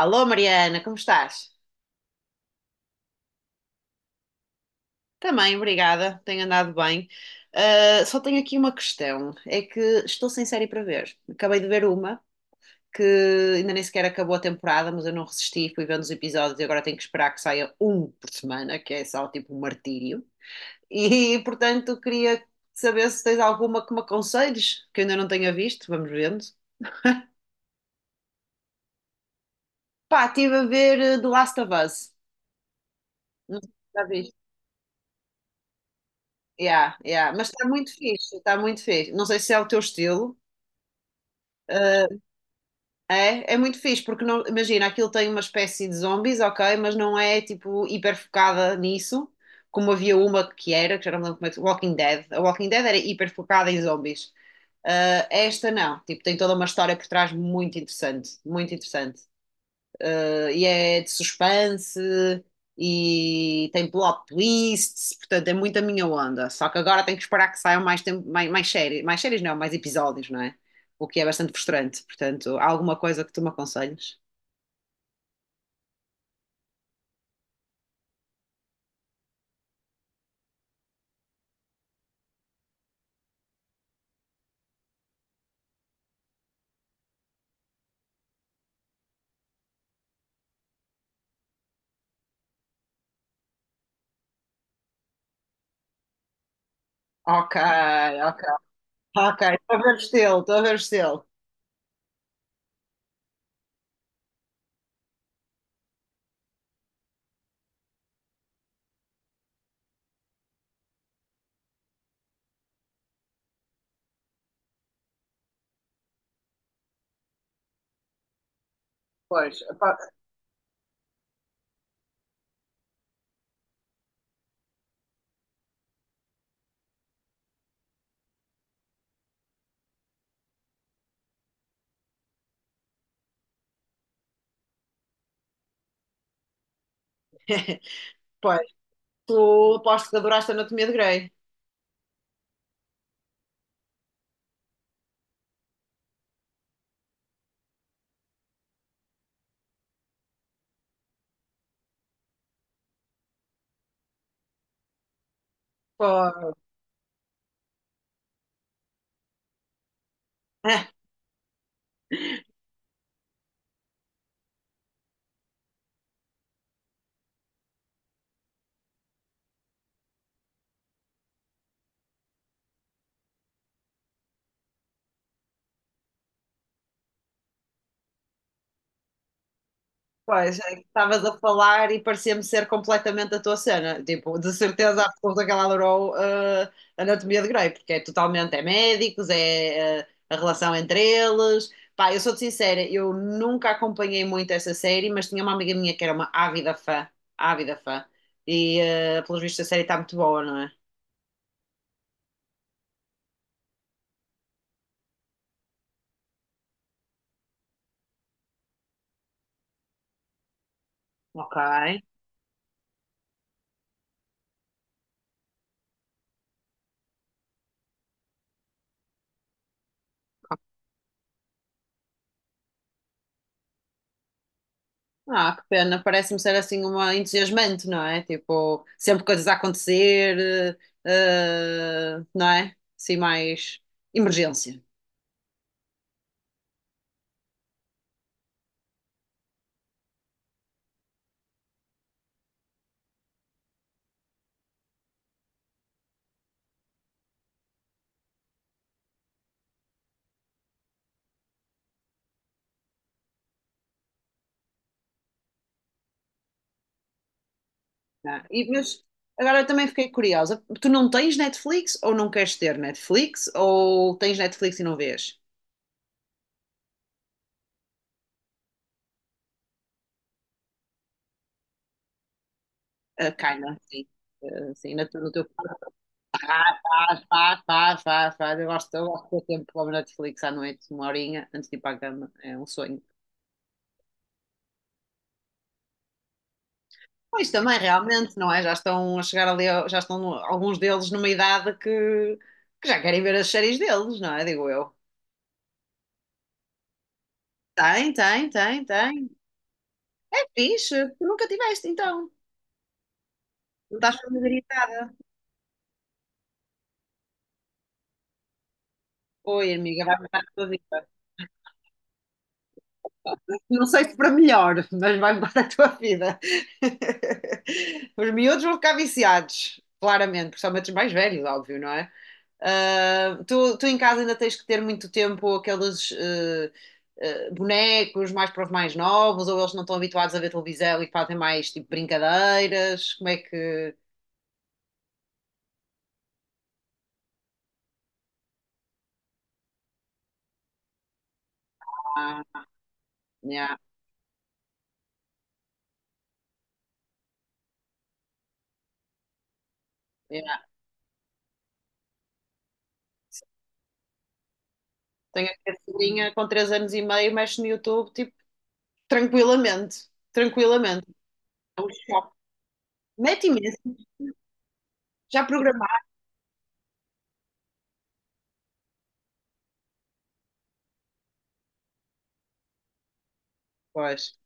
Alô, Mariana, como estás? Também, obrigada, tenho andado bem. Ah, só tenho aqui uma questão: é que estou sem série para ver. Acabei de ver uma que ainda nem sequer acabou a temporada, mas eu não resisti, fui vendo os episódios e agora tenho que esperar que saia um por semana, que é só tipo um martírio. E portanto, queria saber se tens alguma que me aconselhes, que eu ainda não tenha visto, vamos vendo. Pá, estive a ver The Last of Us. Não sei se já viste. Yeah, yeah. Mas está muito fixe, está muito fixe. Não sei se é o teu estilo. Ah, é, é muito fixe, porque não, imagina, aquilo tem uma espécie de zombies, ok, mas não é tipo hiper focada nisso, como havia uma que era, que já não me lembro como é que Walking Dead. A Walking Dead era hiper focada em zombies. Ah, esta não, tipo, tem toda uma história por trás muito interessante e é de suspense e tem plot twists, portanto é muito a minha onda. Só que agora tenho que esperar que saiam mais, tempo, mais, mais séries não, mais episódios, não é? O que é bastante frustrante. Portanto, há alguma coisa que tu me aconselhes? Ok, ok, ok, estou a ver o estilo, estou a ver o estilo. Pois, pá, pois, tu aposto que adoraste a Anatomia de Grey. Pois. Pois, é que estavas a falar e parecia-me ser completamente a tua cena. Tipo, de certeza absoluta que ela adorou Anatomia de Grey, porque é totalmente, é médicos, é a relação entre eles. Pá, eu sou-te sincera, eu nunca acompanhei muito essa série, mas tinha uma amiga minha que era uma ávida fã, ávida fã. E, pelos vistos, a série está muito boa, não é? Ok. Ah, que pena, parece-me ser assim uma entusiasmante, não é? Tipo, sempre coisas a acontecer, não é? Assim, mais emergência. Não é? E, mas agora eu também fiquei curiosa. Tu não tens Netflix ou não queres ter Netflix? Ou tens Netflix e não vês? Kinda, sim. Sim, no teu faz, faz, faz, faz, faz. Eu gosto de ter tempo para ver Netflix à noite, uma horinha, antes de ir para a cama. É um sonho. Pois também, realmente, não é? Já estão a chegar ali, já estão alguns deles numa idade que já querem ver as séries deles, não é? Digo eu. Tem, tem, tem, tem. É fixe, tu nunca tiveste, então. Não estás familiarizada. Oi, amiga, vai mudar a tua vida. Não sei se para melhor, mas vai mudar a tua vida. Os miúdos vão ficar viciados, claramente, principalmente os mais velhos, óbvio, não é? Tu em casa ainda tens que ter muito tempo aqueles bonecos mais para os mais novos, ou eles não estão habituados a ver televisão e fazem mais tipo brincadeiras? Como é que. Ah, yeah, yeah. Tenho aqui a filhinha com 3 anos e meio, mexe no YouTube, tipo, tranquilamente. Tranquilamente. É um choque. Mete imenso. Já programado. Pois.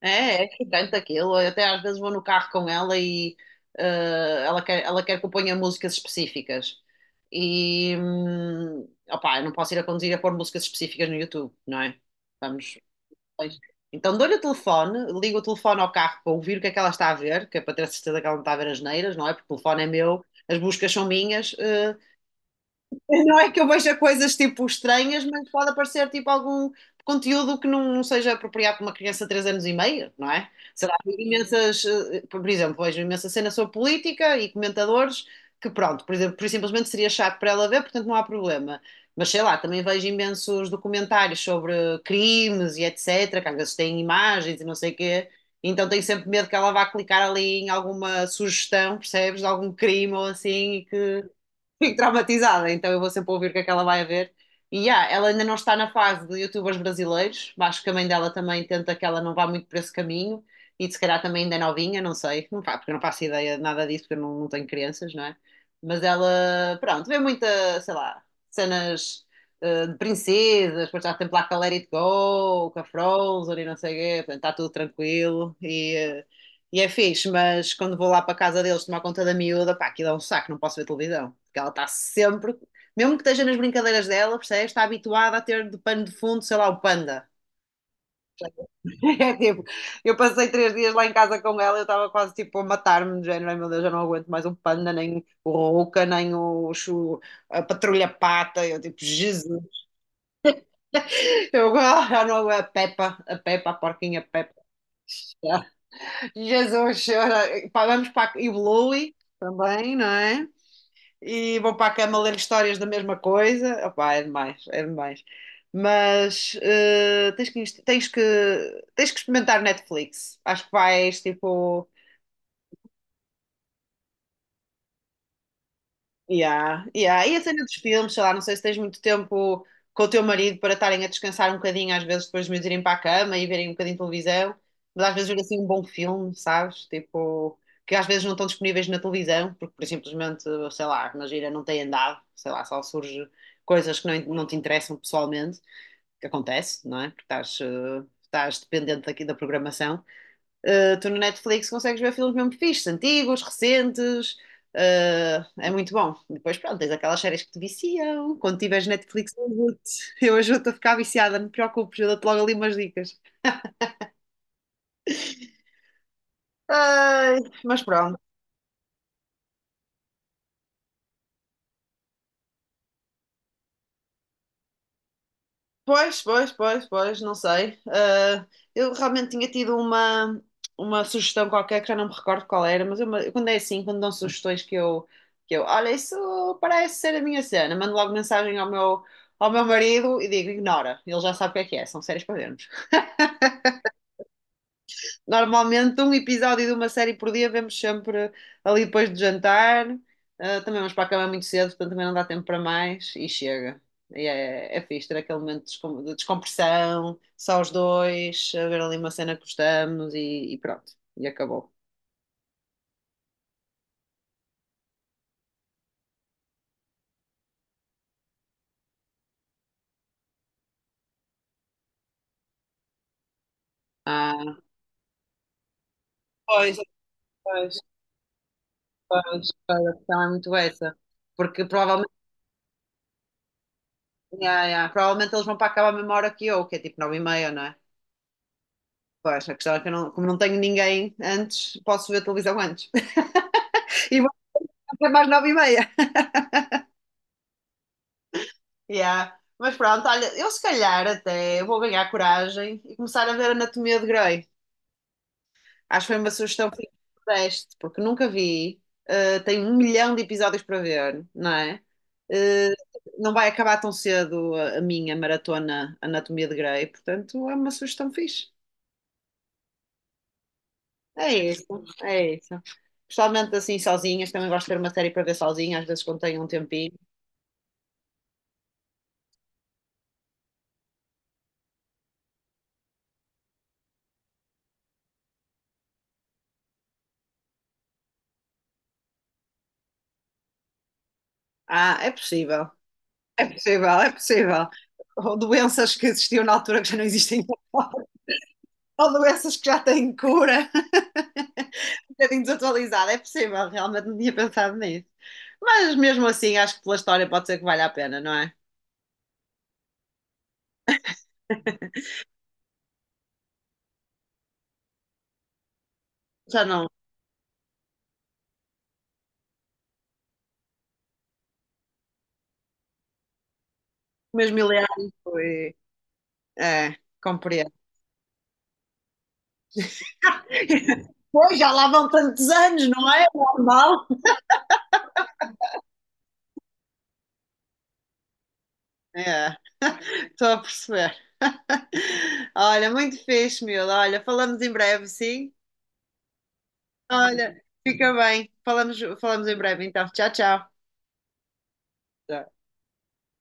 É, é excitante aquilo. Eu até às vezes vou no carro com ela e ela quer que eu ponha músicas específicas. E opá, eu não posso ir a conduzir a pôr músicas específicas no YouTube, não é? Vamos. Pois. Então dou-lhe o telefone, ligo o telefone ao carro para ouvir o que é que ela está a ver, que é para ter a certeza que ela não está a ver as neiras, não é? Porque o telefone é meu, as buscas são minhas. Não é que eu veja coisas tipo estranhas, mas pode aparecer tipo algum conteúdo que não, não seja apropriado para uma criança de 3 anos e meio, não é? Sei lá, vejo imensas, por exemplo, vejo imensa cena sobre política e comentadores que pronto, por exemplo, por simplesmente seria chato para ela ver, portanto não há problema. Mas sei lá, também vejo imensos documentários sobre crimes e etc, que às vezes têm imagens e não sei o quê. Então tenho sempre medo que ela vá clicar ali em alguma sugestão, percebes, de algum crime ou assim, e que fico traumatizada, então eu vou sempre ouvir o que é que ela vai a ver. E ela ainda não está na fase de youtubers brasileiros, acho que a mãe dela também tenta que ela não vá muito por esse caminho, e se calhar também ainda é novinha, não sei, porque eu não faço ideia de nada disso, porque eu não, não tenho crianças, não é? Mas ela, pronto, vê muita, sei lá, cenas de princesas, depois já tem lá com a Let It Go, com a Frozen e não sei o quê, portanto está tudo tranquilo e é fixe, mas quando vou lá para casa deles tomar conta da miúda, pá, aquilo é um saco, não posso ver televisão. Porque ela está sempre, mesmo que esteja nas brincadeiras dela, percebes? Está habituada a ter de pano de fundo, sei lá, o panda. É tipo, eu passei 3 dias lá em casa com ela, eu estava quase tipo a matar-me, do género, ai meu Deus, eu não aguento mais o panda, nem o rouca nem o, a patrulha pata. Eu tipo, Jesus, eu já não, aguento a Peppa, a Peppa, a porquinha Peppa. Jesus, chora. Pá, vamos e o Bluey também, não é? E vou para a cama ler histórias da mesma coisa. Opá, é demais, é demais. Mas tens que experimentar Netflix. Acho que vais, tipo. Yeah, yeah. E a cena dos filmes, sei lá, não sei se tens muito tempo com o teu marido para estarem a descansar um bocadinho, às vezes depois de meus irem para a cama e verem um bocadinho de televisão, mas às vezes ver assim um bom filme, sabes? Tipo, que às vezes não estão disponíveis na televisão, porque por simplesmente, sei lá, na gira não tem andado, sei lá, só surge coisas que não, não te interessam pessoalmente, que acontece, não é? Porque estás dependente daqui da programação. Tu no Netflix consegues ver filmes mesmo fixes, antigos, recentes, é muito bom. Depois, pronto, tens aquelas séries que te viciam. Quando tiveres Netflix, eu ajudo-te eu ajudo-te a ficar viciada, não te preocupes, eu dou-te logo ali umas dicas. Ai, mas pronto. Pois, pois, pois, pois, não sei. Ah, eu realmente tinha tido uma sugestão qualquer que já não me recordo qual era, mas eu, quando é assim, quando dão sugestões que eu, olha, isso parece ser a minha cena, mando logo mensagem ao meu marido e digo, ignora, ele já sabe o que é, são séries para vermos. Normalmente um episódio de uma série por dia vemos sempre ali depois do jantar. Ah, também vamos para a cama muito cedo, portanto também não dá tempo para mais e chega. E é fixe ter aquele momento de descompressão, só os dois, a ver ali uma cena que gostamos e pronto. E acabou. Ah, pois, pois, pois, pois, a questão é muito essa. Porque provavelmente, yeah, yeah, provavelmente eles vão para acabar a cama à mesma hora que eu, que é tipo 9h30, não é? Pois, a questão é que eu não, como não tenho ninguém antes, posso ver televisão antes. E vou fazer mais 9h30. Yeah. Mas pronto, olha, eu se calhar até vou ganhar coragem e começar a ver Anatomia de Grey. Acho que foi uma sugestão que me deste, porque nunca vi. Tenho um milhão de episódios para ver, não é? Uh, não vai acabar tão cedo a minha maratona Anatomia de Grey, portanto é uma sugestão fixe. É isso, é isso. Principalmente assim sozinhas, também gosto de ver uma série para ver sozinha, às vezes quando tenho um tempinho. Ah, é possível, é possível, é possível. Ou doenças que existiam na altura que já não existem agora, ou doenças que já têm cura. Um bocadinho desatualizada, é possível, realmente não tinha pensado nisso. Mas mesmo assim, acho que pela história pode ser que valha a pena, não é? Já não, mesmo Ileana foi. É, compreendo. Pois, já lá vão tantos anos, não é? Normal. É, estou a perceber. Olha, muito fixe, miúdo. Olha, falamos em breve, sim? Olha, fica bem. Falamos em breve, então. Tchau, tchau. Tchau.